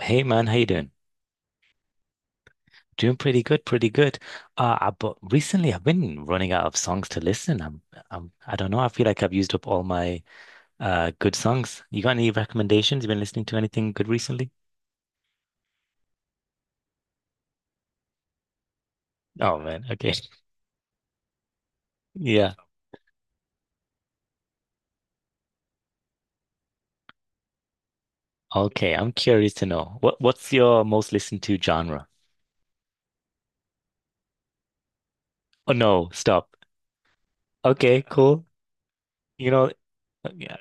Hey man, how you doing? Doing pretty good, pretty good. But recently I've been running out of songs to listen. I don't know. I feel like I've used up all my good songs. You got any recommendations? You been listening to anything good recently? Oh man, okay. Yeah. Okay, I'm curious to know. What's your most listened to genre? Oh no, stop. Okay, cool. You know, yeah.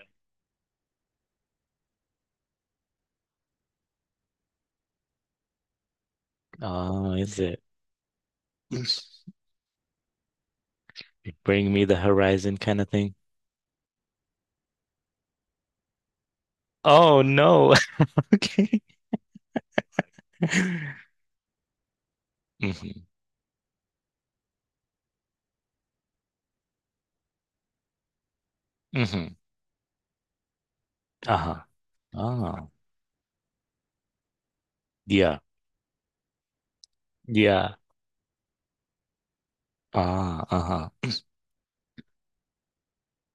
Oh, is it Bring Me the Horizon kind of thing? Oh no. Okay. hmm hmm Uh-huh. Ah, yeah, yeah. Ah, uh-huh.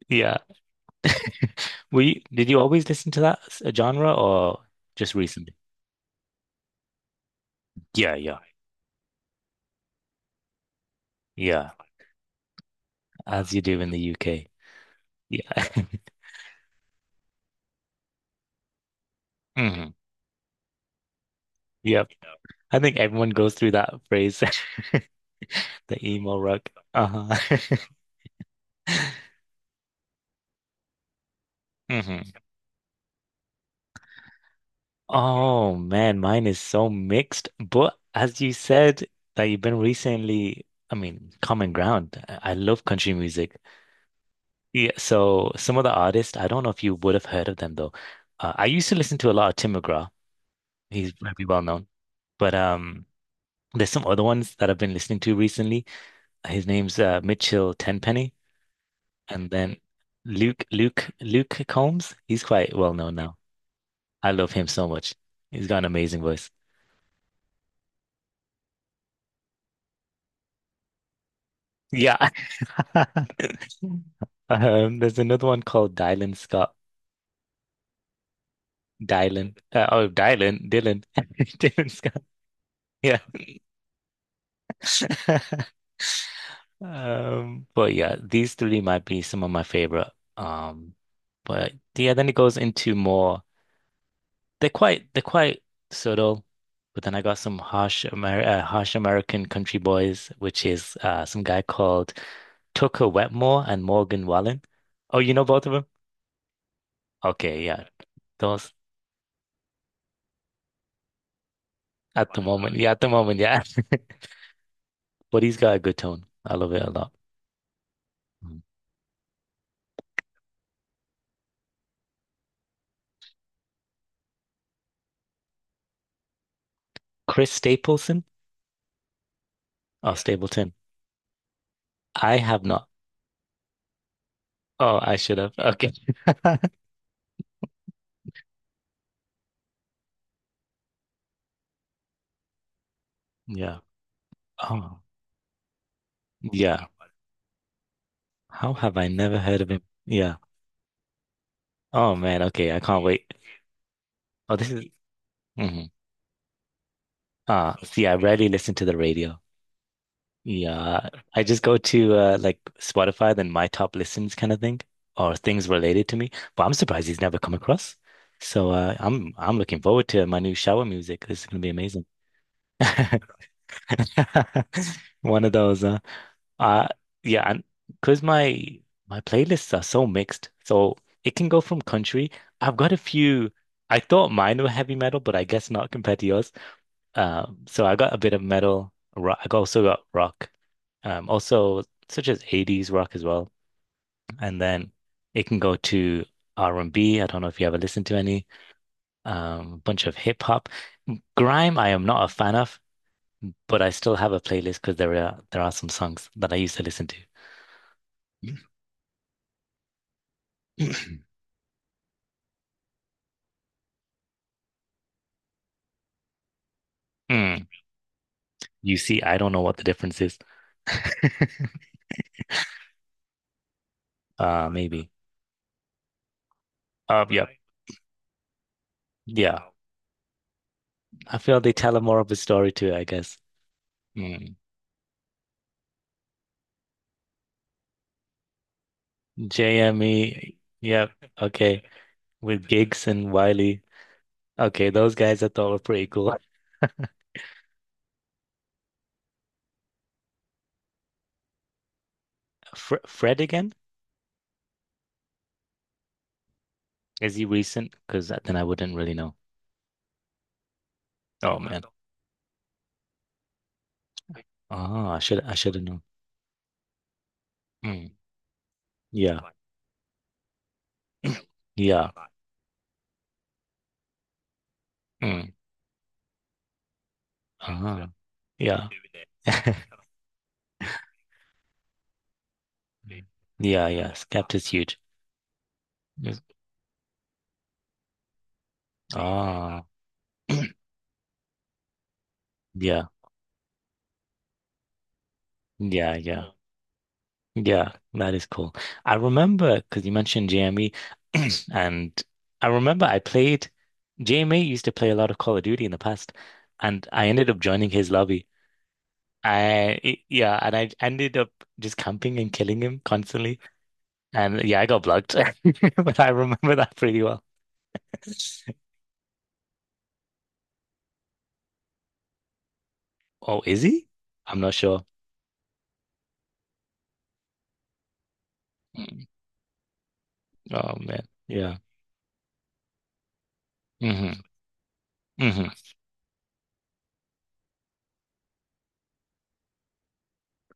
Yeah. Did you always listen to that genre or just recently? Yeah, yeah, yeah. As you do in the UK. Yeah. hmm Yep. I think everyone goes through that phase, the emo rock. Uh-huh. hmm Oh man, mine is so mixed. But as you said that you've been recently, I mean, common ground. I love country music. Yeah, so some of the artists, I don't know if you would have heard of them though. I used to listen to a lot of Tim McGraw. He's pretty well known. But um, there's some other ones that I've been listening to recently. His name's Mitchell Tenpenny, and then Luke Combs. He's quite well known now. I love him so much. He's got an amazing voice. Yeah. There's another one called Dylan Scott. Dylan. Oh, Dylan. Dylan. Dylan Scott. Yeah. But yeah, these three might be some of my favorite. Um, but yeah, then it goes into more. They're quite subtle, but then I got some harsh Amer harsh American country boys, which is uh, some guy called Tucker Wetmore and Morgan Wallen. Oh, you know both of them? Okay, yeah, those at the moment, yeah, at the moment, yeah. But he's got a good tone. I love it a lot. Mm. Chris Stapleton or Stapleton? I have not. Oh, I should have. Okay. Yeah. Oh, yeah. How have I never heard of him? Yeah. Oh man. Okay. I can't wait. Oh, this is. Hmm Ah, see, I rarely listen to the radio. Yeah. I just go to like Spotify, then my top listens kind of thing, or things related to me. But I'm surprised he's never come across. So I'm looking forward to my new shower music. This is gonna be amazing. One of those. Uh, yeah, and because my playlists are so mixed, so it can go from country. I've got a few. I thought mine were heavy metal, but I guess not compared to yours. So I got a bit of metal. Rock. I also got rock. Also such as 80s rock as well. And then it can go to r and B. I don't know if you ever listened to any. Bunch of hip hop. Grime, I am not a fan of, but I still have a playlist because there are some songs that I used to listen to. Hmm. You see, I don't know what the difference is. Maybe. Yeah, yeah. I feel they tell a more of a story too, I guess. Mm. JME, yeah, okay. With Giggs and Wiley. Okay, those guys I thought were pretty cool. Fr Fred again? Is he recent? Because then I wouldn't really know. Oh man. I should have known. Mm. Yeah, yeah. Mm. Ah, yeah. Yeah, yeah. Skepta's huge. Yes. Ah, yeah, yeah, yeah. Yeah, that is cool. I remember because you mentioned JME, and I remember I played JME used to play a lot of Call of Duty in the past, and I ended up joining his lobby. Yeah, and I ended up just camping and killing him constantly. And yeah, I got blocked, but I remember that pretty well. Oh, is he? I'm not sure. Mm. Oh man, yeah. hmm hmm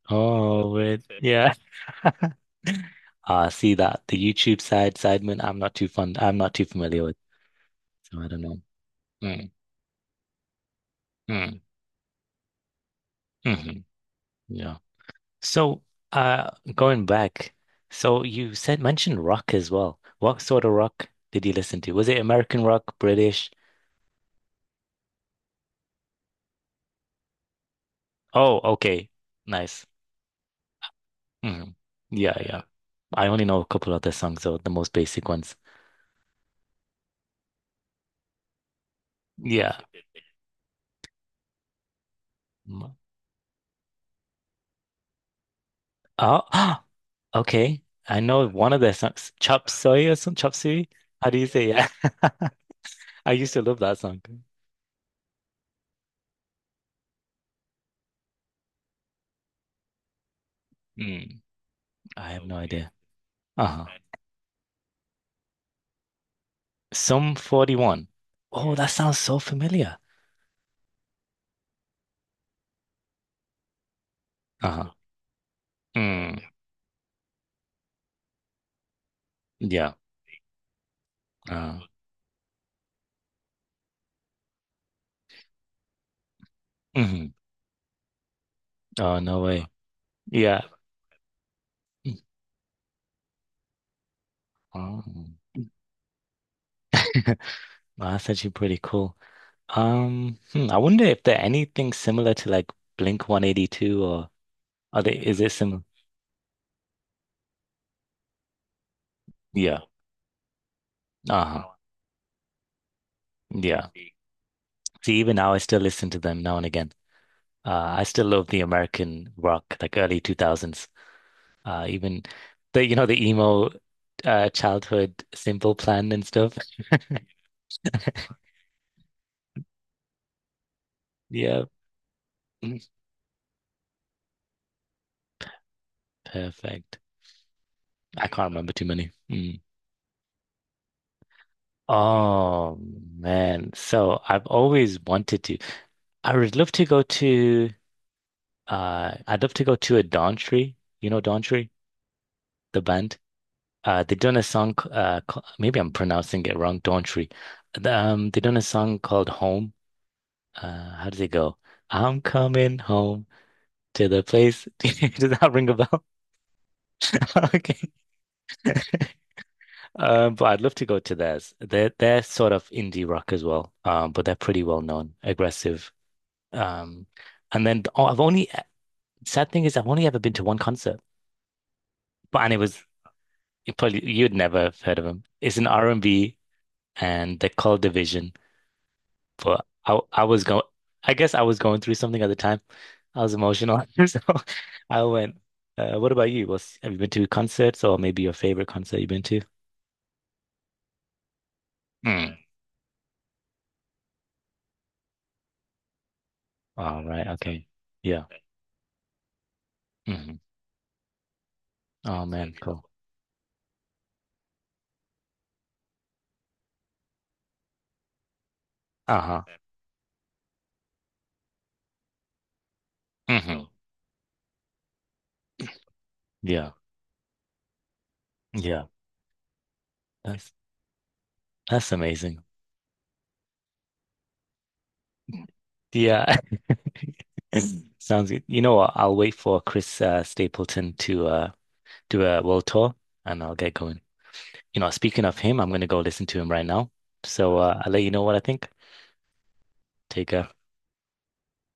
Oh wait, yeah. See that the Sidemen, I'm not too fun. I'm not too familiar with, so I don't know. Mm, mm, hmm yeah. So, uh, going back, so you said mentioned rock as well. What sort of rock did you listen to? Was it American rock, British? Oh, okay, nice. Hmm Yeah, yeah. I only know a couple other songs, though, the most basic ones. Yeah. Mm. Oh, okay. I know one of their songs, Chop Suey or some Chop Suey. How do you say? Yeah. I used to love that song. Hmm, I have no idea. Uh-huh. Some 41. Oh, yeah, that sounds so familiar. Uh-huh. Mm, yeah. Uh, mhm. Oh, no way. Yeah. Mm, oh. Wow, that's actually pretty cool. Hmm, I wonder if there anything similar to like Blink 182, or are they, is it similar? Yeah. Uh-huh. Yeah. See, even now I still listen to them now and again. I still love the American rock, like early 2000s. Even the you know the emo childhood simple plan and stuff. Yeah, mm, perfect. I can't remember too many. Mm. Oh man, so I've always wanted to. I would love to go to. I'd love to go to a Dawntree. You know Dawntree, the band. They've done a song. Maybe I'm pronouncing it wrong. Dawntree. They've done a song called Home. How does it go? I'm coming home to the place. Does that ring a bell? Okay. But I'd love to go to theirs. They're sort of indie rock as well. But they're pretty well known, aggressive. Um, and then oh, I've only sad thing is I've only ever been to one concert. But and it was you probably you'd never have heard of them. It's an R&B and they're called Division. But I was going I guess I was going through something at the time. I was emotional. So I went, what about you? What's, have you been to concerts or maybe your favorite concert you've been to? Mm. All right, okay, yeah. hmm Oh So man, you know, cool. Uh-huh. hmm so Yeah. Yeah. That's that's amazing. Yeah. Sounds good. You know what? I'll wait for Chris Stapleton to do a world tour and I'll get going. You know, speaking of him, I'm gonna go listen to him right now. So awesome. I'll let you know what I think. Take care.